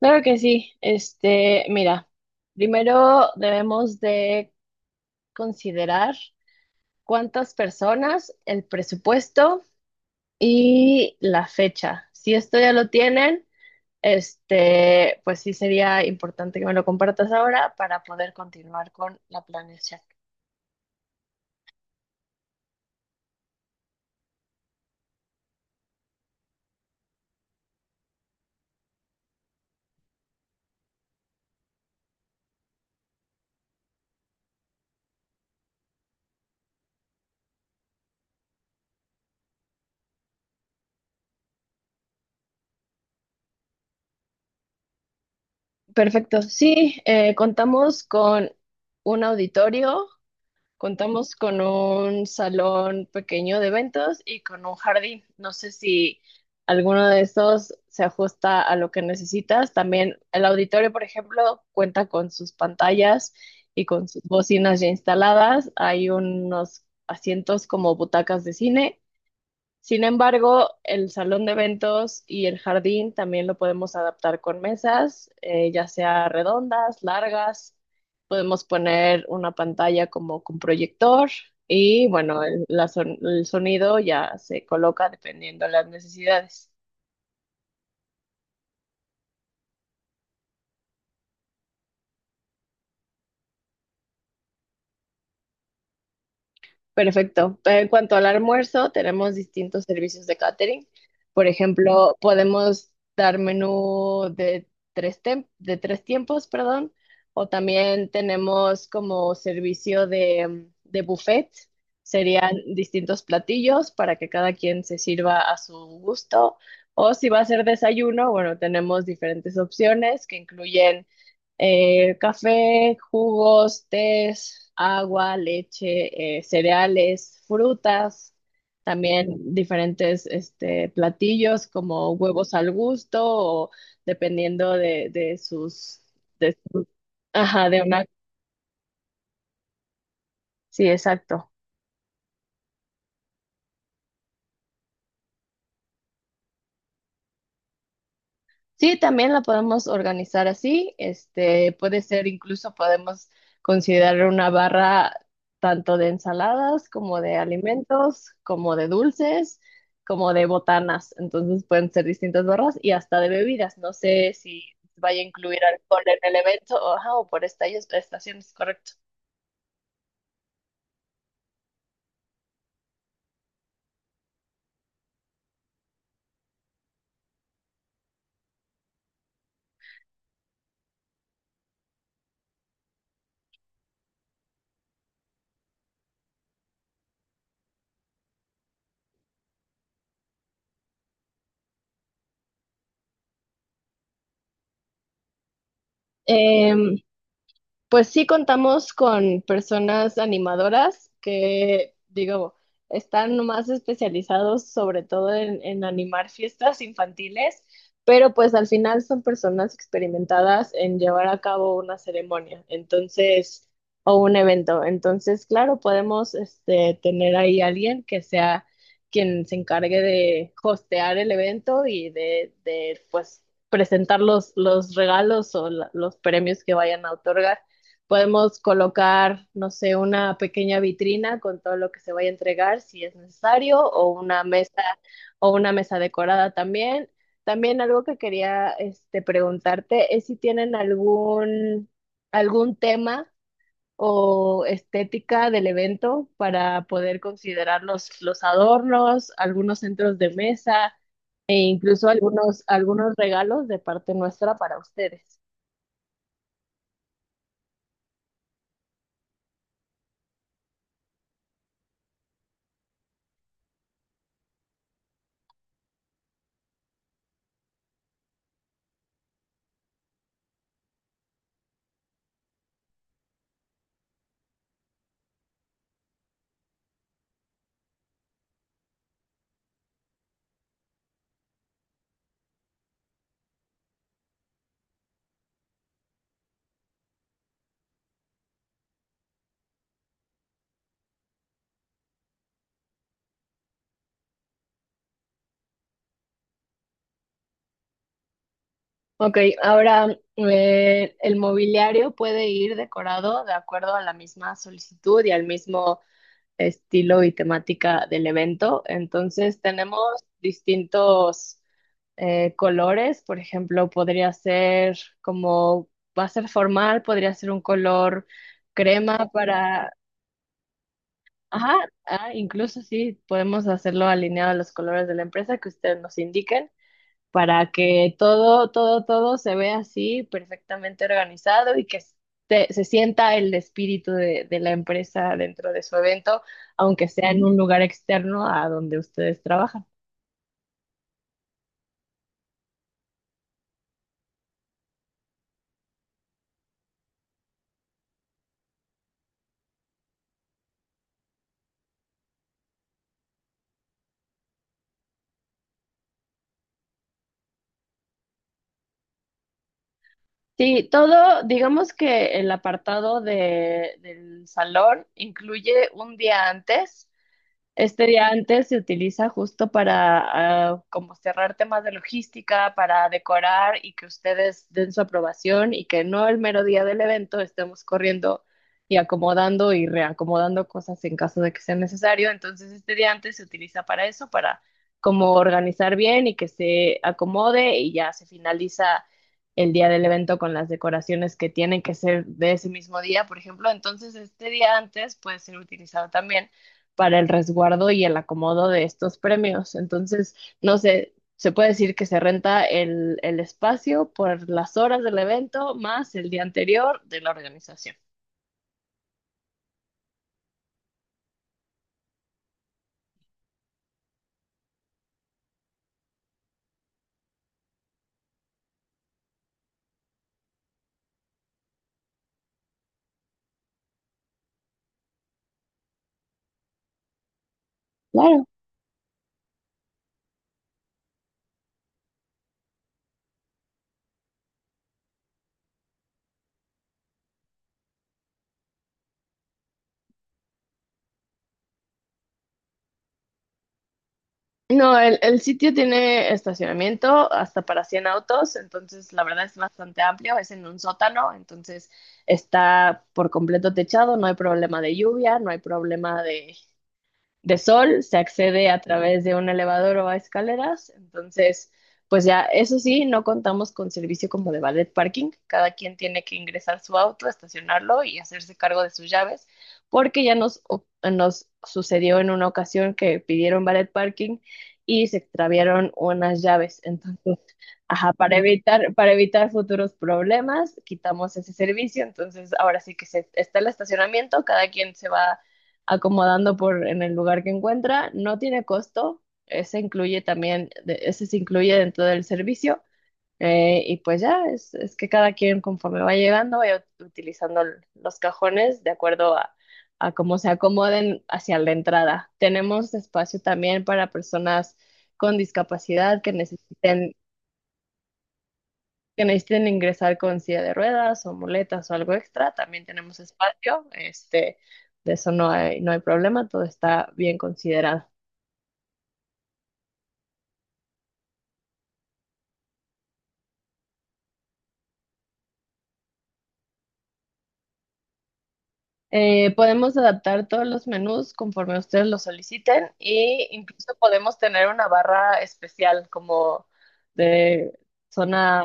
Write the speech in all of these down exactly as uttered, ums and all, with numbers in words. Claro que sí. Este, mira, primero debemos de considerar cuántas personas, el presupuesto y la fecha. Si esto ya lo tienen, este, pues sí sería importante que me lo compartas ahora para poder continuar con la planeación. Perfecto. Sí, eh, contamos con un auditorio. Contamos con un salón pequeño de eventos y con un jardín. No sé si alguno de estos se ajusta a lo que necesitas. También el auditorio, por ejemplo, cuenta con sus pantallas y con sus bocinas ya instaladas. Hay unos asientos como butacas de cine. Sin embargo, el salón de eventos y el jardín también lo podemos adaptar con mesas, eh, ya sea redondas, largas. Podemos poner una pantalla como con proyector y bueno, el, la son- el sonido ya se coloca dependiendo de las necesidades. Perfecto. En cuanto al almuerzo, tenemos distintos servicios de catering. Por ejemplo, podemos dar menú de tres, tem- de tres tiempos, perdón, o también tenemos como servicio de, de buffet. Serían distintos platillos para que cada quien se sirva a su gusto. O si va a ser desayuno, bueno, tenemos diferentes opciones que incluyen eh, café, jugos, tés, agua, leche, eh, cereales, frutas, también diferentes este, platillos como huevos al gusto o dependiendo de, de sus, de, su- ajá, de una, sí, exacto. Sí, también la podemos organizar así. Este, puede ser, incluso podemos considerar una barra tanto de ensaladas como de alimentos, como de dulces, como de botanas. Entonces pueden ser distintas barras y hasta de bebidas. No sé si vaya a incluir alcohol en el evento o, ajá, o por estallos- estaciones, correcto. Pues sí contamos con personas animadoras que, digo, están más especializados sobre todo en, en animar fiestas infantiles, pero pues al final son personas experimentadas en llevar a cabo una ceremonia, entonces, o un evento. Entonces, claro, podemos este, tener ahí alguien que sea quien se encargue de hostear el evento y de, de pues, presentar los, los regalos o la- los premios que vayan a otorgar. Podemos colocar, no sé, una pequeña vitrina con todo lo que se vaya a entregar si es necesario, o una mesa, o una mesa decorada también. También algo que quería este, preguntarte es si tienen algún, algún tema o estética del evento para poder considerar los, los adornos, algunos centros de mesa e incluso algunos, algunos regalos de parte nuestra para ustedes. Ok, ahora eh, el mobiliario puede ir decorado de acuerdo a la misma solicitud y al mismo estilo y temática del evento. Entonces tenemos distintos eh, colores, por ejemplo, podría ser como va a ser formal, podría ser un color crema para, ajá, ah, incluso sí, podemos hacerlo alineado a los colores de la empresa que ustedes nos indiquen para que todo, todo, todo se vea así perfectamente organizado y que s- se sienta el espíritu de, de la empresa dentro de su evento, aunque sea en un lugar externo a donde ustedes trabajan. Sí, todo, digamos que el apartado de, del salón incluye un día antes. Este día antes se utiliza justo para ah, como cerrar temas de logística, para decorar y que ustedes den su aprobación y que no el mero día del evento estemos corriendo y acomodando y reacomodando cosas en caso de que sea necesario. Entonces este día antes se utiliza para eso, para como organizar bien y que se acomode y ya se finaliza el día del evento con las decoraciones que tienen que ser de ese mismo día, por ejemplo. Entonces este día antes puede ser utilizado también para el resguardo y el acomodo de estos premios. Entonces, no sé, se puede decir que se renta el, el espacio por las horas del evento más el día anterior de la organización. Claro. No, el, el sitio tiene estacionamiento hasta para cien autos, entonces la verdad es bastante amplio, es en un sótano, entonces está por completo techado, no hay problema de lluvia, no hay problema de de sol, se accede a través de un elevador o a escaleras, entonces, pues ya, eso sí, no contamos con servicio como de valet parking. Cada quien tiene que ingresar su auto, estacionarlo y hacerse cargo de sus llaves, porque ya nos, o- nos sucedió en una ocasión que pidieron valet parking y se extraviaron unas llaves, entonces... Ajá, para evitar, para evitar futuros problemas, quitamos ese servicio. Entonces, ahora sí que se, está el estacionamiento, cada quien se va acomodando por en el lugar que encuentra. No tiene costo, ese incluye también, de- ese se incluye dentro del servicio. Eh, y pues ya, es, es que cada quien conforme va llegando, vaya utilizando l- los cajones de acuerdo a, a cómo se acomoden hacia la entrada. Tenemos espacio también para personas con discapacidad que necesiten que necesiten ingresar con silla de ruedas o muletas o algo extra, también tenemos espacio, este, de eso no hay, no hay problema, todo está bien considerado. Eh, podemos adaptar todos los menús conforme ustedes lo soliciten e incluso podemos tener una barra especial como de zona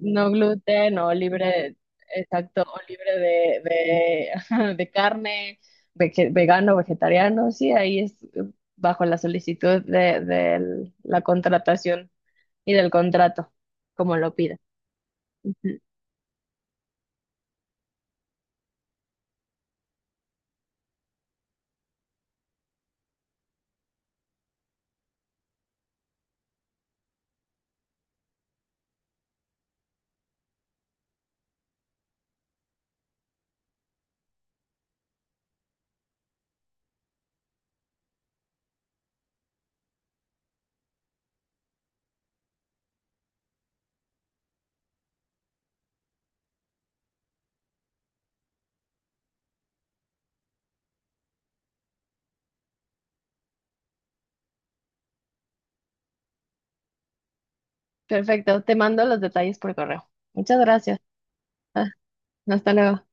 no gluten o libre, exacto, o libre de, de, ajá, de carne, vege- vegano, vegetariano, sí, ahí es eh, bajo la solicitud de, de la contratación y del contrato, como lo pida. Perfecto, te mando los detalles por correo. Muchas gracias. Ah, hasta luego.